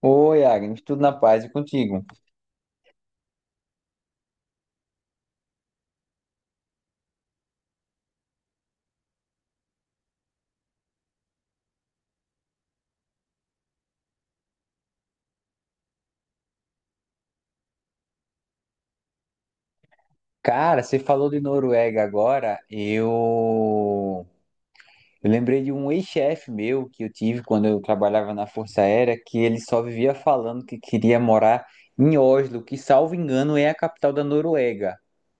Oi, Agnes, tudo na paz e contigo? Cara, você falou de Noruega agora, eu lembrei de um ex-chefe meu que eu tive quando eu trabalhava na Força Aérea, que ele só vivia falando que queria morar em Oslo, que, salvo engano, é a capital da Noruega.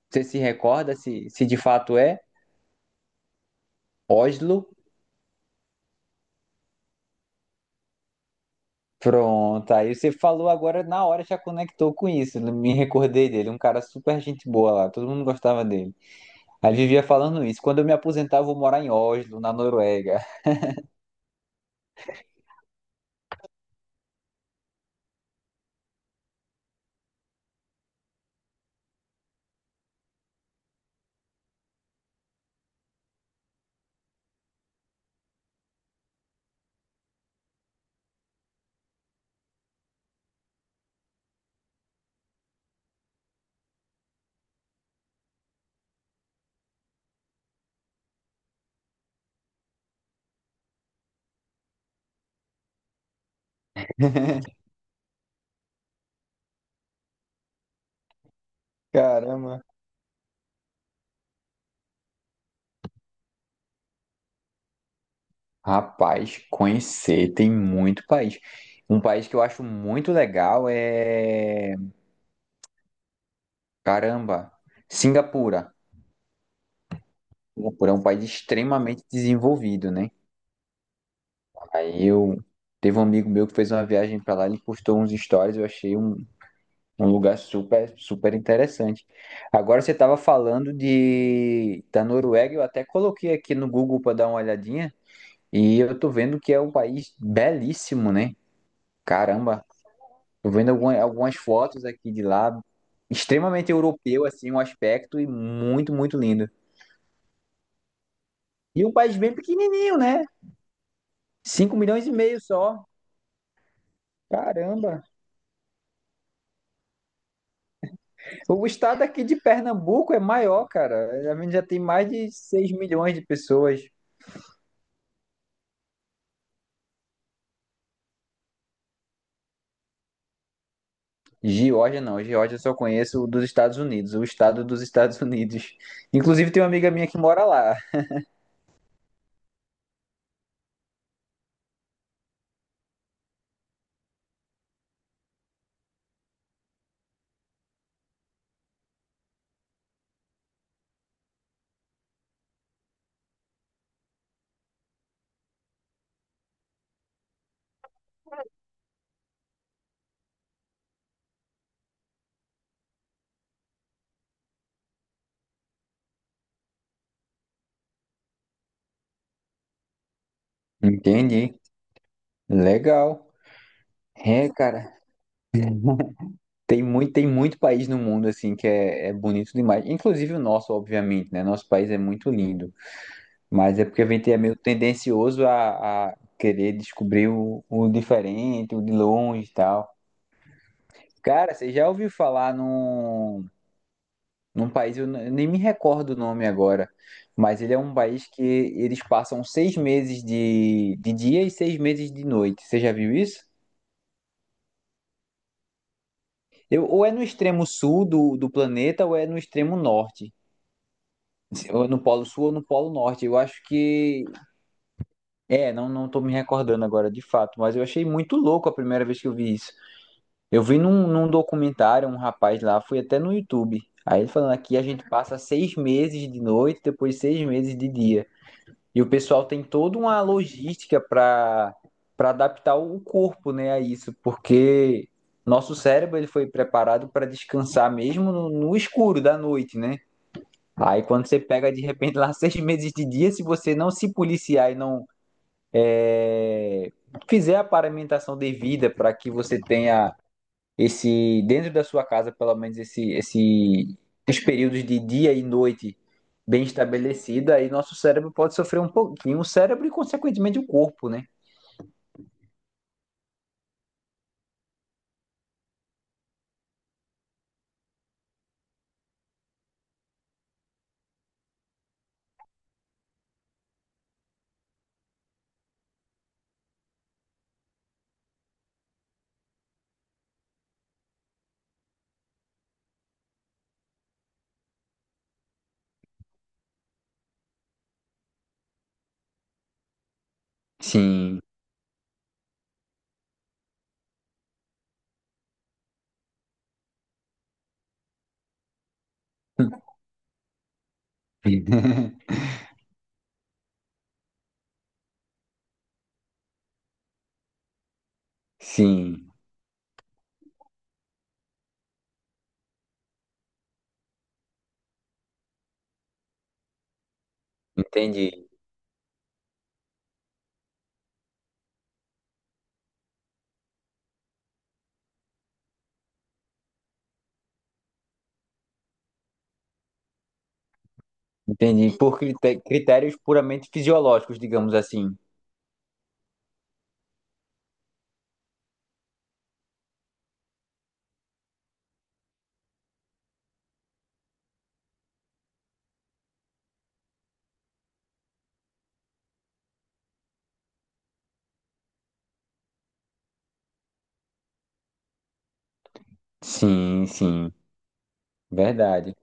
Você se recorda se de fato é Oslo? Pronto, aí você falou agora na hora já conectou com isso, me recordei dele, um cara super gente boa lá, todo mundo gostava dele. Aí vivia falando isso. Quando eu me aposentar, eu vou morar em Oslo, na Noruega. Caramba. Rapaz, conhecer tem muito país. Um país que eu acho muito legal é. Caramba, Singapura. Singapura é um país extremamente desenvolvido, né? Aí eu. Teve um amigo meu que fez uma viagem pra lá, ele postou uns stories, eu achei um lugar super, super interessante. Agora você tava falando de da Noruega, eu até coloquei aqui no Google pra dar uma olhadinha. E eu tô vendo que é um país belíssimo, né? Caramba, tô vendo algumas fotos aqui de lá, extremamente europeu, assim, um aspecto e muito, muito lindo. E um país bem pequenininho, né? 5,5 milhões e meio só. Caramba, o estado aqui de Pernambuco é maior, cara. A gente já tem mais de 6 milhões de pessoas. Geórgia não, Geórgia eu só conheço o dos Estados Unidos, o estado dos Estados Unidos. Inclusive tem uma amiga minha que mora lá. Entendi. Legal. É, cara. Tem muito país no mundo assim que é, é bonito demais. Inclusive o nosso, obviamente, né? Nosso país é muito lindo, mas é porque a gente é meio tendencioso a querer descobrir o diferente, o de longe e tal. Cara, você já ouviu falar num país, eu nem me recordo o nome agora, mas ele é um país que eles passam 6 meses de dia e 6 meses de noite. Você já viu isso? Eu, ou é no extremo sul do, do planeta ou é no extremo norte. Ou no Polo Sul ou no Polo Norte. Eu acho que. É, não, não tô me recordando agora de fato, mas eu achei muito louco a primeira vez que eu vi isso. Eu vi num documentário, um rapaz lá, fui até no YouTube. Aí ele falando aqui a gente passa 6 meses de noite, depois 6 meses de dia. E o pessoal tem toda uma logística para adaptar o corpo, né, a isso, porque nosso cérebro ele foi preparado para descansar mesmo no escuro da noite, né? Aí quando você pega de repente lá 6 meses de dia, se você não se policiar e não é, fizer a paramentação devida para que você tenha esse, dentro da sua casa, pelo menos esse esses períodos de dia e noite bem estabelecidos, aí nosso cérebro pode sofrer um pouquinho, o cérebro e consequentemente o corpo, né? Sim, sim, entendi. Entendi. Por critérios puramente fisiológicos, digamos assim. Sim, sim, verdade.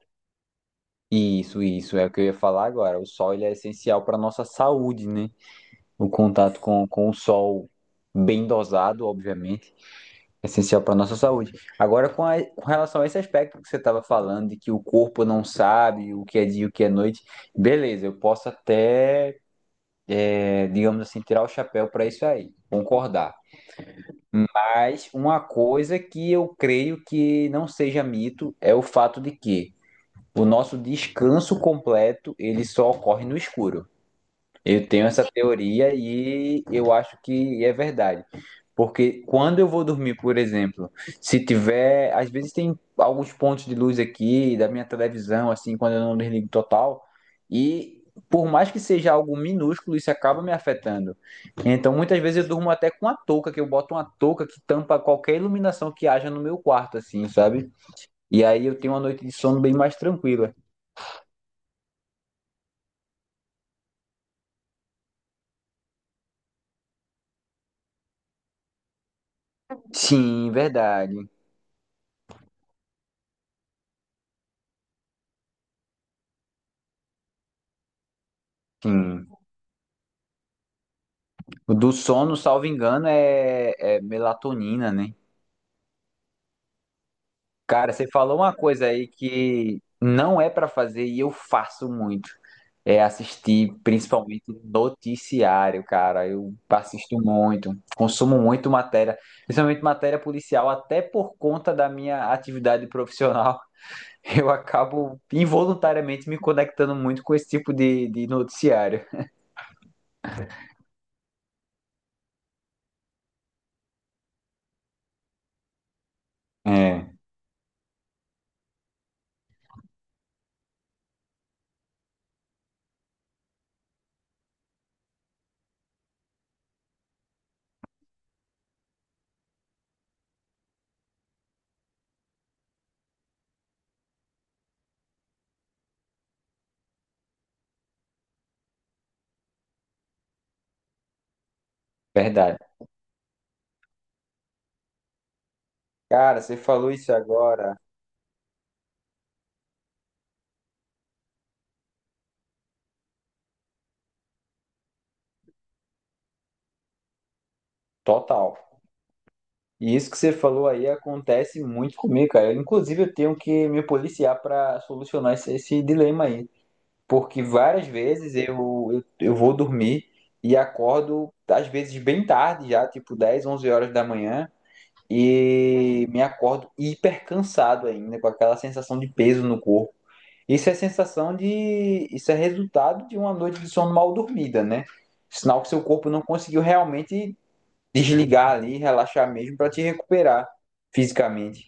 Isso é o que eu ia falar agora. O sol ele é essencial para nossa saúde, né? O contato com o sol bem dosado, obviamente, é essencial para nossa saúde. Agora, com relação a esse aspecto que você estava falando, de que o corpo não sabe o que é dia e o que é noite, beleza, eu posso até, digamos assim, tirar o chapéu para isso aí, concordar. Mas uma coisa que eu creio que não seja mito é o fato de que o nosso descanso completo ele só ocorre no escuro. Eu tenho essa teoria e eu acho que é verdade. Porque quando eu vou dormir, por exemplo, se tiver. Às vezes tem alguns pontos de luz aqui da minha televisão, assim, quando eu não desligo total. E por mais que seja algo minúsculo, isso acaba me afetando. Então muitas vezes eu durmo até com a touca, que eu boto uma touca que tampa qualquer iluminação que haja no meu quarto, assim, sabe? E aí eu tenho uma noite de sono bem mais tranquila. Sim, verdade. Sim. O do sono, salvo engano, é melatonina, né? Cara, você falou uma coisa aí que não é pra fazer e eu faço muito. É assistir principalmente noticiário, cara. Eu assisto muito, consumo muito matéria, principalmente matéria policial, até por conta da minha atividade profissional. Eu acabo involuntariamente me conectando muito com esse tipo de noticiário. É, verdade. Cara, você falou isso agora. Total. E isso que você falou aí acontece muito comigo, cara. Eu, inclusive, eu tenho que me policiar para solucionar esse dilema aí. Porque várias vezes eu vou dormir e acordo, às vezes, bem tarde já, tipo 10, 11 horas da manhã, e me acordo hiper cansado ainda, com aquela sensação de peso no corpo. Isso é sensação de. Isso é resultado de uma noite de sono mal dormida, né? Sinal que seu corpo não conseguiu realmente desligar ali, relaxar mesmo para te recuperar fisicamente.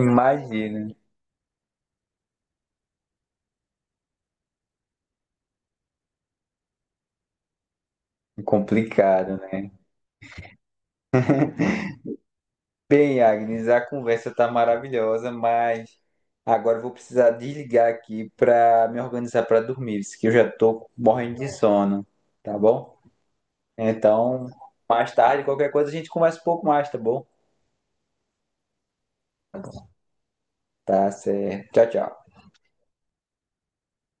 Imagina, complicado, né? Bem, Agnes, a conversa tá maravilhosa, mas agora eu vou precisar desligar aqui para me organizar para dormir, que eu já tô morrendo de sono, tá bom? Então, mais tarde, qualquer coisa a gente conversa um pouco mais, tá bom? Tá certo. Tchau, tchau.